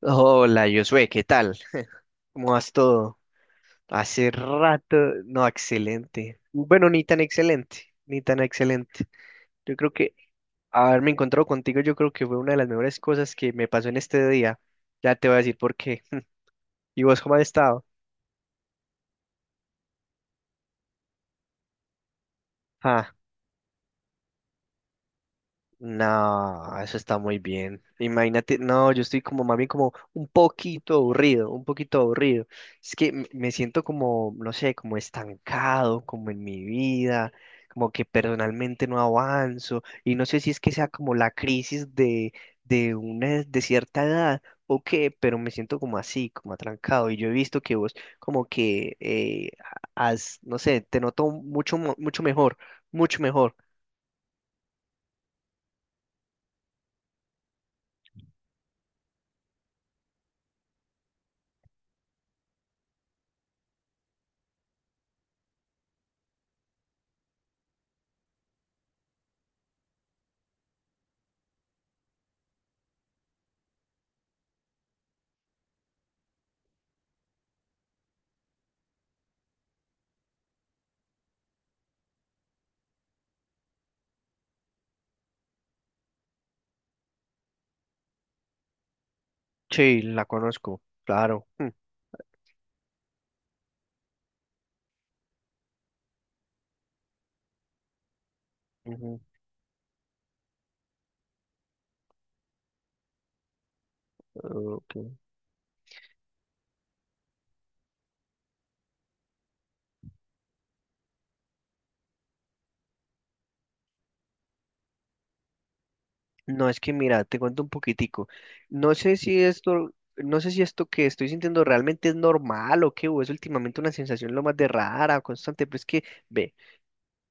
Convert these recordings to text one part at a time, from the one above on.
Hola, Josué, ¿qué tal? ¿Cómo vas todo? Hace rato, no, excelente. Bueno, ni tan excelente, ni tan excelente. Yo creo que haberme encontrado contigo, yo creo que fue una de las mejores cosas que me pasó en este día. Ya te voy a decir por qué. ¿Y vos cómo has estado? Ah, no, eso está muy bien. Imagínate, no, yo estoy como más bien como un poquito aburrido, un poquito aburrido. Es que me siento como, no sé, como estancado, como en mi vida, como que personalmente no avanzo y no sé si es que sea como la crisis de, de cierta edad o qué, pero me siento como así, como atrancado y yo he visto que vos como que has, no sé, te noto mucho, mucho mejor, mucho mejor. Sí, la conozco, claro. Mm, ujú, ok. No, es que mira, te cuento un poquitico. No sé si esto que estoy sintiendo realmente es normal o qué, o es últimamente una sensación lo más de rara, constante, pero es que, ve.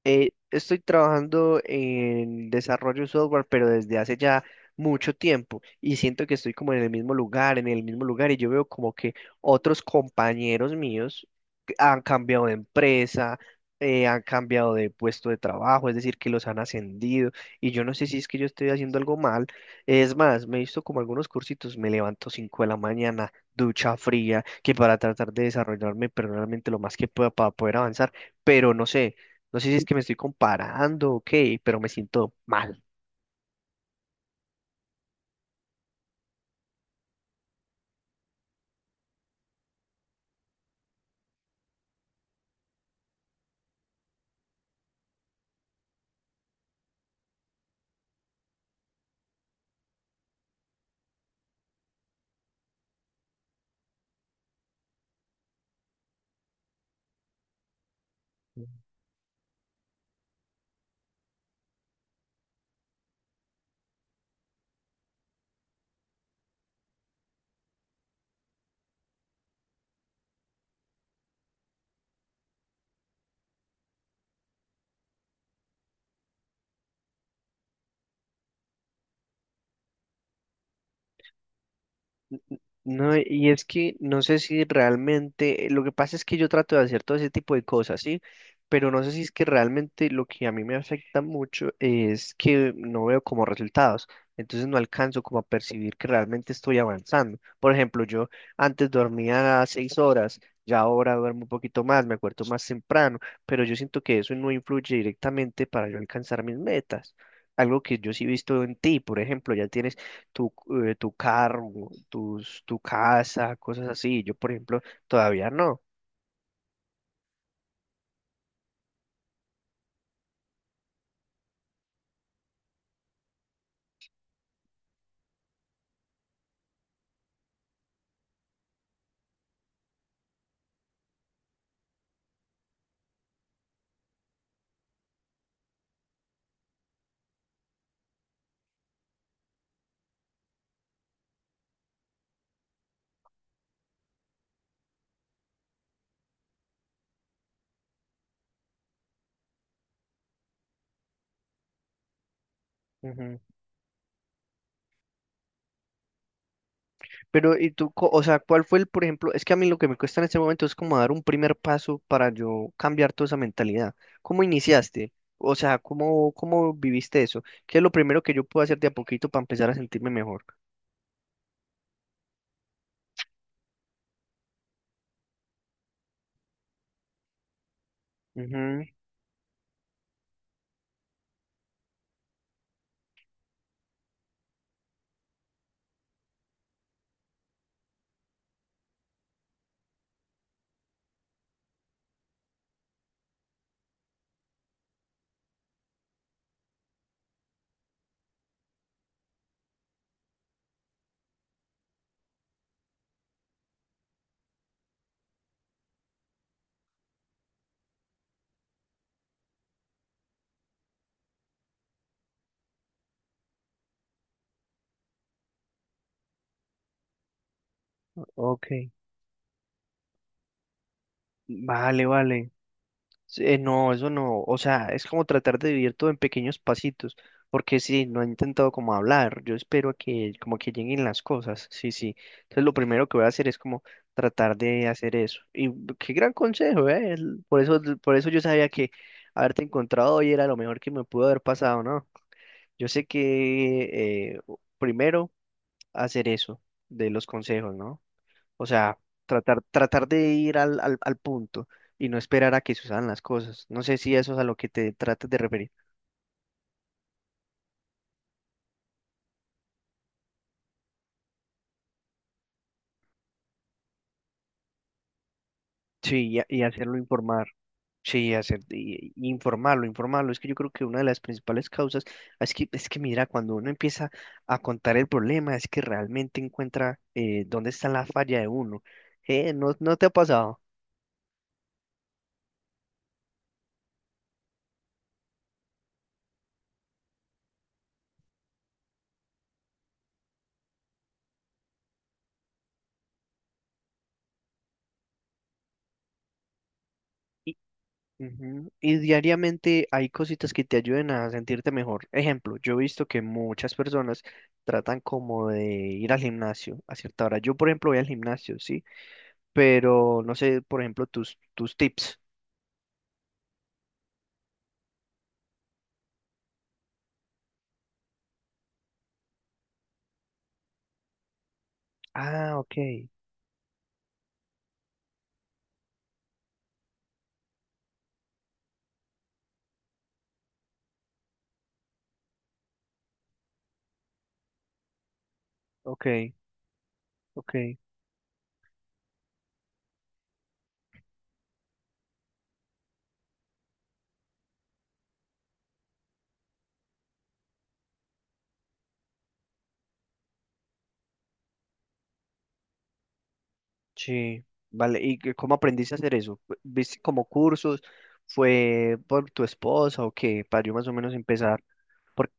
Estoy trabajando en desarrollo de software, pero desde hace ya mucho tiempo y siento que estoy como en el mismo lugar, en el mismo lugar y yo veo como que otros compañeros míos que han cambiado de empresa, han cambiado de puesto de trabajo, es decir, que los han ascendido y yo no sé si es que yo estoy haciendo algo mal. Es más, me he visto como algunos cursitos, me levanto 5 de la mañana, ducha fría, que para tratar de desarrollarme personalmente lo más que pueda para poder avanzar, pero no sé si es que me estoy comparando o qué, pero me siento mal. No, y es que no sé si realmente, lo que pasa es que yo trato de hacer todo ese tipo de cosas, ¿sí? Pero no sé si es que realmente lo que a mí me afecta mucho es que no veo como resultados, entonces no alcanzo como a percibir que realmente estoy avanzando. Por ejemplo, yo antes dormía 6 horas, ya ahora duermo un poquito más, me acuerdo más temprano, pero yo siento que eso no influye directamente para yo alcanzar mis metas. Algo que yo sí he visto en ti, por ejemplo, ya tienes tu, tu carro, tu casa, cosas así. Yo, por ejemplo, todavía no. Ujú. Pero, ¿y tú, o sea, cuál fue el, por ejemplo, es que a mí lo que me cuesta en este momento es como dar un primer paso para yo cambiar toda esa mentalidad. ¿Cómo iniciaste? O sea, ¿cómo viviste eso? ¿Qué es lo primero que yo puedo hacer de a poquito para empezar a sentirme mejor? Ujú, ok. Vale, vale. Sí, no, eso no, o sea, es como tratar de vivir todo en pequeños pasitos, porque sí, no he intentado como hablar, yo espero a que como que lleguen las cosas, sí, sí. Entonces lo primero que voy a hacer es como tratar de hacer eso. Y qué gran consejo, ¿eh? Por eso yo sabía que haberte encontrado hoy era lo mejor que me pudo haber pasado, ¿no? Yo sé que primero hacer eso de los consejos, ¿no? O sea, tratar de ir al, al punto y no esperar a que sucedan las cosas. No sé si eso es a lo que te tratas de referir. Sí, y hacerlo informar. Sí, hacer, y informarlo, informarlo. Es que yo creo que una de las principales causas es que, mira, cuando uno empieza a contar el problema, es que realmente encuentra dónde está la falla de uno. ¿No, ¿no te ha pasado? Ujú. Y diariamente hay cositas que te ayuden a sentirte mejor. Ejemplo, yo he visto que muchas personas tratan como de ir al gimnasio a cierta hora. Yo, por ejemplo, voy al gimnasio, sí, pero no sé, por ejemplo, tus tips. Ah, ok, ok, ok, sí, vale. ¿Y cómo aprendiste a hacer eso? ¿Viste como cursos? ¿Fue por tu esposa o qué? Para yo más o menos empezar. Por.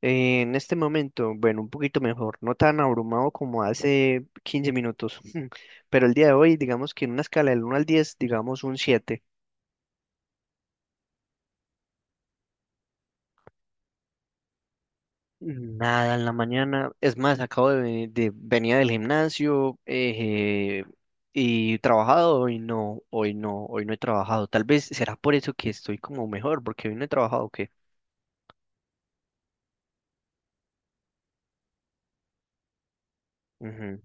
En este momento, bueno, un poquito mejor, no tan abrumado como hace 15 minutos, pero el día de hoy, digamos que en una escala del 1 al 10, digamos un 7. Nada en la mañana, es más, acabo de venía del gimnasio y trabajado, hoy no, hoy no, hoy no he trabajado. Tal vez será por eso que estoy como mejor, porque hoy no he trabajado. ¿Qué? Que.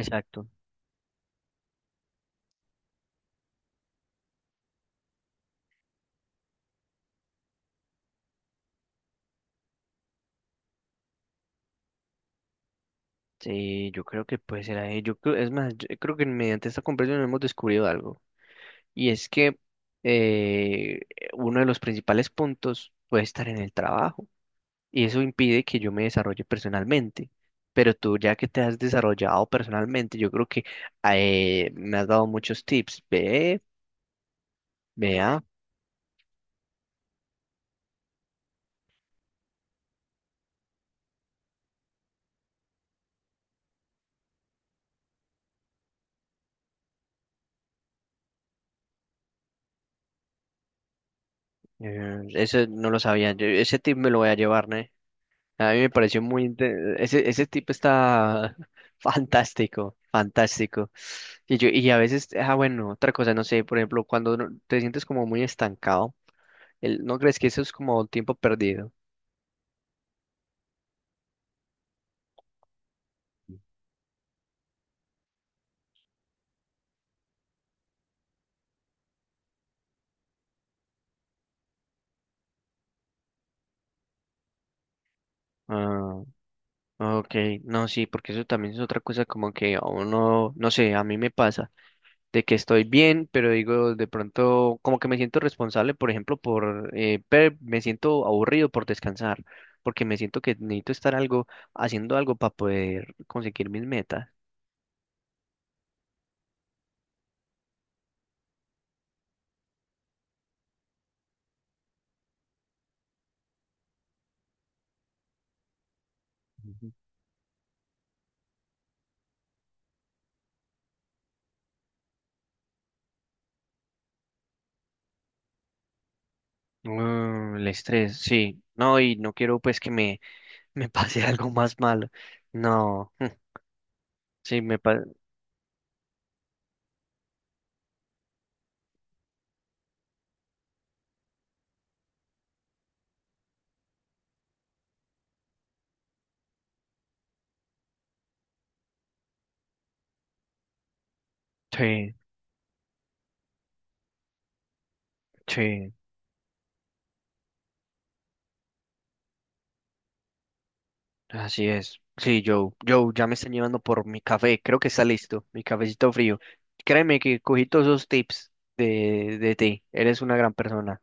Exacto. Sí, yo creo que puede ser ahí. Yo creo, es más, yo creo que mediante esta conversación hemos descubierto algo. Y es que eh, uno de los principales puntos puede estar en el trabajo y eso impide que yo me desarrolle personalmente. Pero tú ya que te has desarrollado personalmente, yo creo que me has dado muchos tips. Vea, ese no lo sabía. Ese tip me lo voy a llevar, ¿no? A mí me pareció Ese tip está fantástico, fantástico. Y a veces, ah, bueno, otra cosa, no sé, por ejemplo, cuando te sientes como muy estancado. ¿No crees que eso es como tiempo perdido? Ah, ok, no, sí, porque eso también es otra cosa como que a uno, no sé, a mí me pasa de que estoy bien, pero digo, de pronto como que me siento responsable, por ejemplo, me siento aburrido por descansar, porque me siento que necesito estar algo, haciendo algo para poder conseguir mis metas. Ujú. Mm, el estrés, sí. No, y no quiero pues que me pase algo más malo. No, sí, me pasa. Sí, sí. Así es. Sí, Joe. Joe, ya me están llevando por mi café. Creo que está listo. Mi cafecito frío. Créeme que cogí todos esos tips de ti. Eres una gran persona.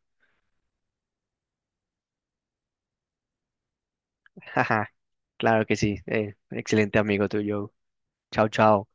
Jaja. Claro que sí. Excelente amigo tuyo. Chao, chao.